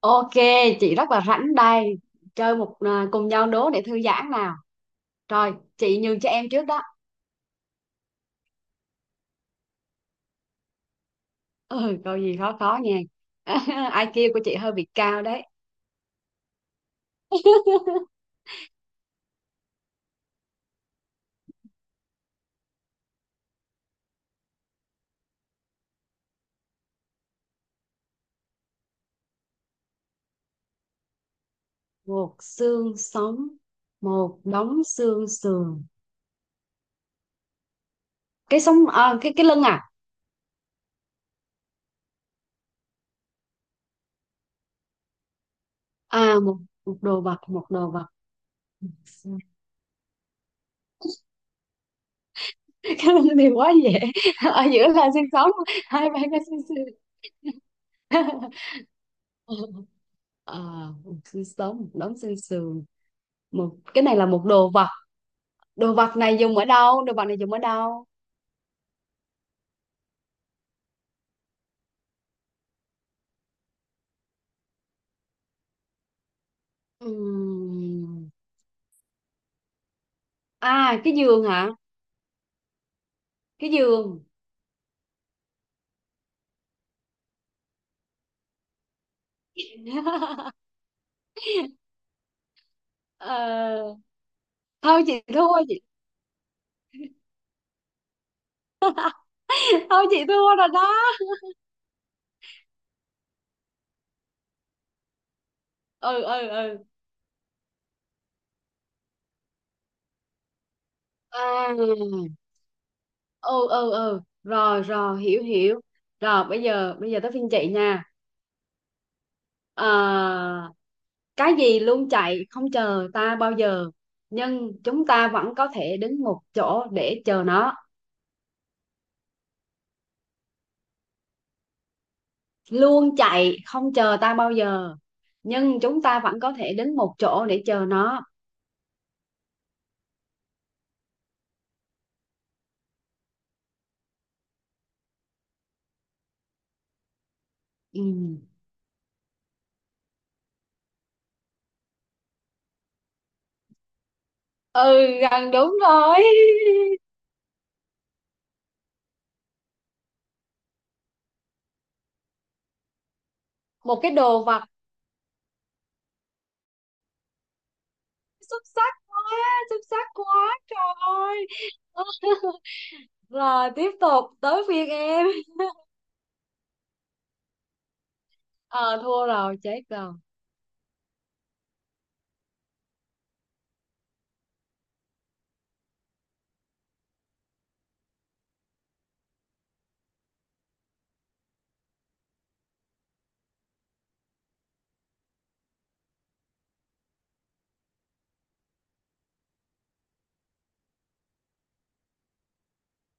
Ok, chị rất là rảnh đây. Chơi cùng nhau đố để thư giãn nào. Rồi, chị nhường cho em trước đó. Ừ, câu gì khó khó nha. Ai IQ của chị hơi bị cao đấy. Một xương sống, một đống xương sườn. Cái sống à, cái lưng à? À một một đồ vật, một đồ vật. Cái lưng thì quá dễ. Ở giữa là xương sống, hai bên là xương sườn. Ờ, một xương sống, một đống xương sườn. Một cái này là một đồ vật. Đồ vật này dùng ở đâu Đồ vật này dùng ở đâu? Ừm. À, cái giường hả? Cái giường. Ờ, thôi chị thua chị. Thôi chị thua rồi đó. Ừ, ừ, ừ. À, ừ, ừ, ừ, rồi, rồi, hiểu, hiểu. Rồi bây giờ tới phiên chị nha. Ờ, cái gì luôn chạy không chờ ta bao giờ, nhưng chúng ta vẫn có thể đứng một chỗ để chờ nó? Luôn chạy không chờ ta bao giờ, nhưng chúng ta vẫn có thể đến một chỗ để chờ nó. Ừ, ừ, gần đúng rồi. Một cái đồ vật. Xuất sắc quá. Xuất sắc quá trời ơi. Rồi tiếp tục tới phiên em. Ờ, thua rồi, chết rồi.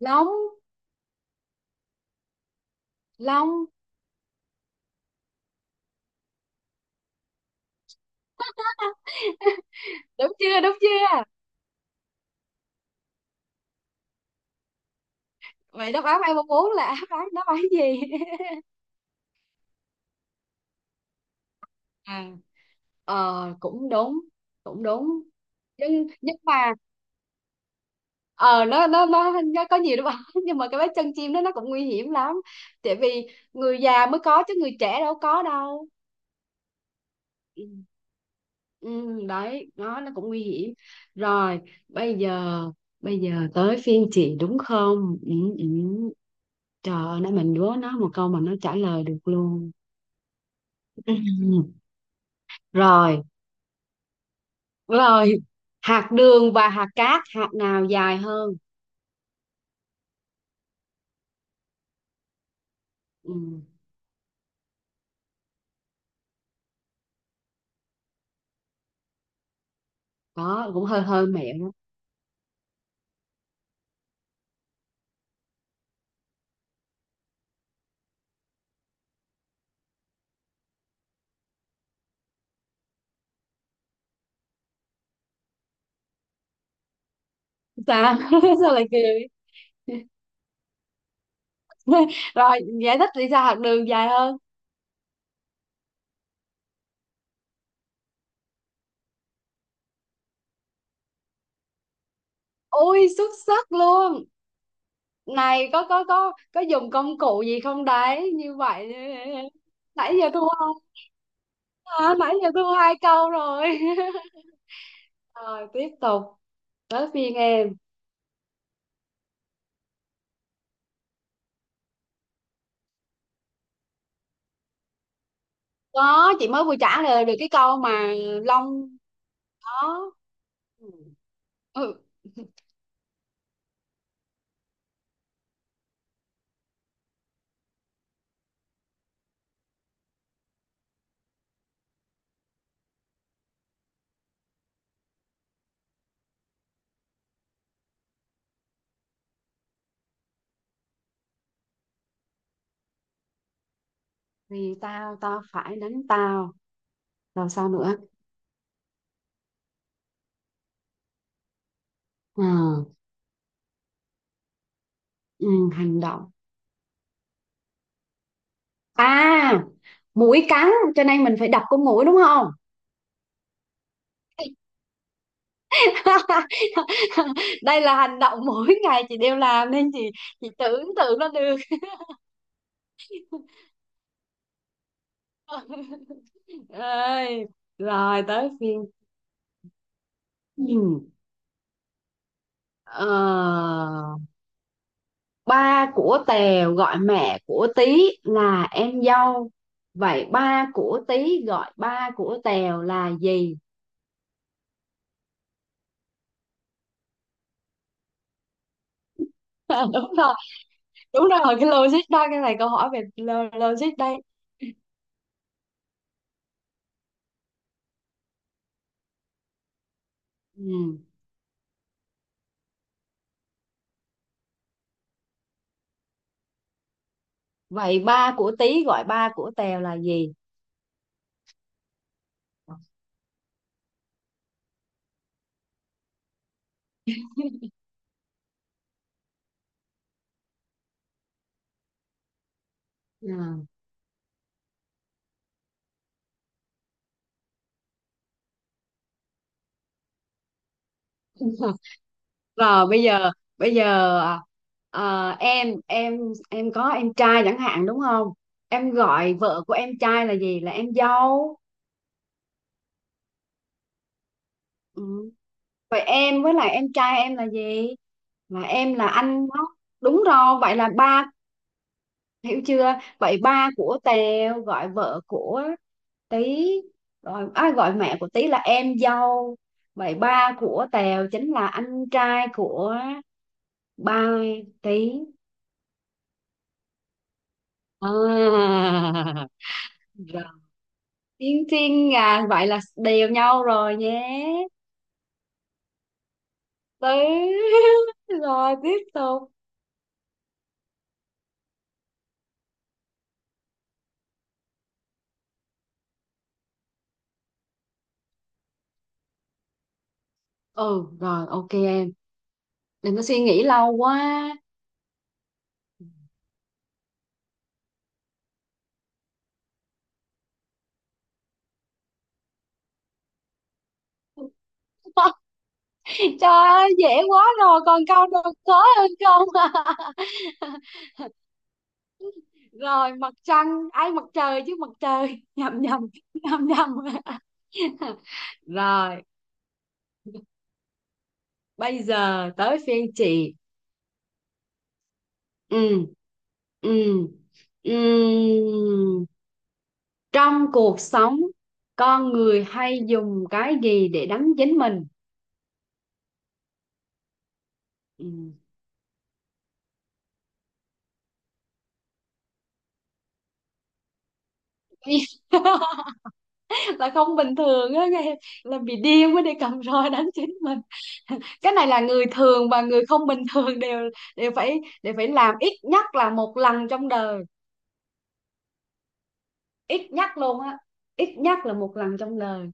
Long. Long. Đúng chưa, đúng chưa? Vậy đáp án em mong muốn là đáp án gì? À, ờ cũng đúng. Cũng đúng. Nhưng mà ờ, nó có nhiều đúng không? Nhưng mà cái vết chân chim đó nó cũng nguy hiểm lắm. Tại vì người già mới có chứ người trẻ đâu có đâu. Ừ, ừ. Đấy, nó cũng nguy hiểm. Rồi bây giờ bây giờ tới phiên chị đúng không? Ừ, ừ. Trời ơi, nãy mình đố nó một câu mà nó trả lời được luôn. Ừ. Rồi, rồi. Hạt đường và hạt cát, hạt nào dài hơn? Ừ. Đó cũng hơi hơi mẹo. Đó, sao? Sao lại cười? Rồi, giải thích đi, sao học đường dài hơn? Ui, xuất sắc luôn. Này, có dùng công cụ gì không đấy như vậy? Nãy giờ thua không. À, nãy giờ thua hai câu rồi. Rồi tiếp tục tới phiên em. Có, chị mới vừa trả lời được cái câu mà. Long. Có. Ừ. Ừ, vì tao, tao phải đánh tao. Rồi sao nữa? À, ừ, hành động. À, mũi cắn, cho nên mình phải đập con mũi đúng không? Đây là hành động mỗi ngày chị đều làm nên chị. Chị tưởng tượng nó được. Ơi, rồi tới phiên. Ừ. Ờ, ba của Tèo gọi mẹ của Tí là em dâu, vậy ba của Tí gọi ba của Tèo là gì? Đúng rồi, đúng rồi, cái logic đó, cái này câu hỏi về logic đây. Ừ. Vậy ba của Tý gọi ba của Tèo là gì? Ừ. Rồi bây giờ ờ, em có em trai chẳng hạn đúng không? Em gọi vợ của em trai là gì? Là em dâu. Ừ. Vậy em với lại em trai em là gì? Là em là anh đó. Đúng rồi, vậy là ba hiểu chưa? Vậy ba của Tèo gọi vợ của Tí, rồi ai gọi mẹ của Tí là em dâu, vậy ba của Tèo chính là anh trai của ba Tí. À. Rồi, Tiên Tiên à, vậy là đều nhau rồi nhé. Tí. Rồi tiếp tục. Ừ, rồi ok em, đừng có suy nghĩ lâu quá. Trời ơi, dễ quá rồi, còn câu nào khó hơn không? Rồi, mặt trăng, ai, mặt trời chứ, mặt trời. Nhầm, nhầm. Nhầm, nhầm. Rồi bây giờ tới phiên chị. Ừ, ừ, ừ. Trong cuộc sống, con người hay dùng cái gì để đánh chính mình? Ừ. Là không bình thường á nghe. Là bị điên mới đi cầm roi đánh chính mình. Cái này là người thường và người không bình thường đều đều phải làm ít nhất là một lần trong đời. Ít nhắc luôn á. Ít nhắc là một lần trong đời.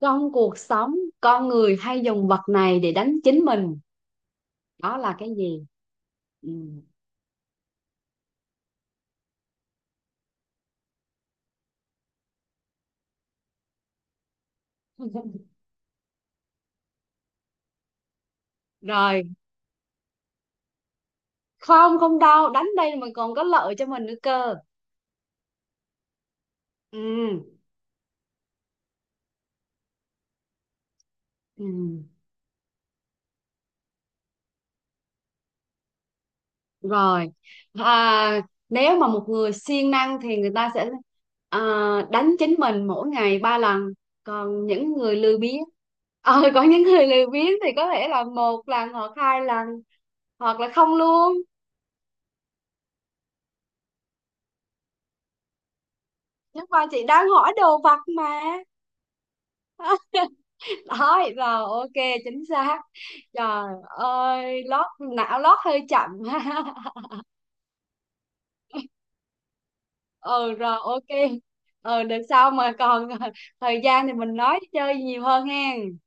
Trong cuộc sống, con người hay dùng vật này để đánh chính mình. Đó là cái gì? Ừ. Rồi, không, không đâu, đánh đây mà còn có lợi cho mình nữa cơ. Ừ. Ừ. Rồi, à, nếu mà một người siêng năng thì người ta sẽ, à, đánh chính mình mỗi ngày ba lần. Còn những người lười biếng, ờ, có những người lười biếng thì có thể là một lần hoặc hai lần. Hoặc là không luôn. Nhưng mà chị đang hỏi đồ vật mà. Thôi rồi, ok. Chính xác. Trời ơi, não lót hơi chậm. Ừ, rồi ok. Ừ được sau mà còn thời gian thì mình nói chơi nhiều hơn hen.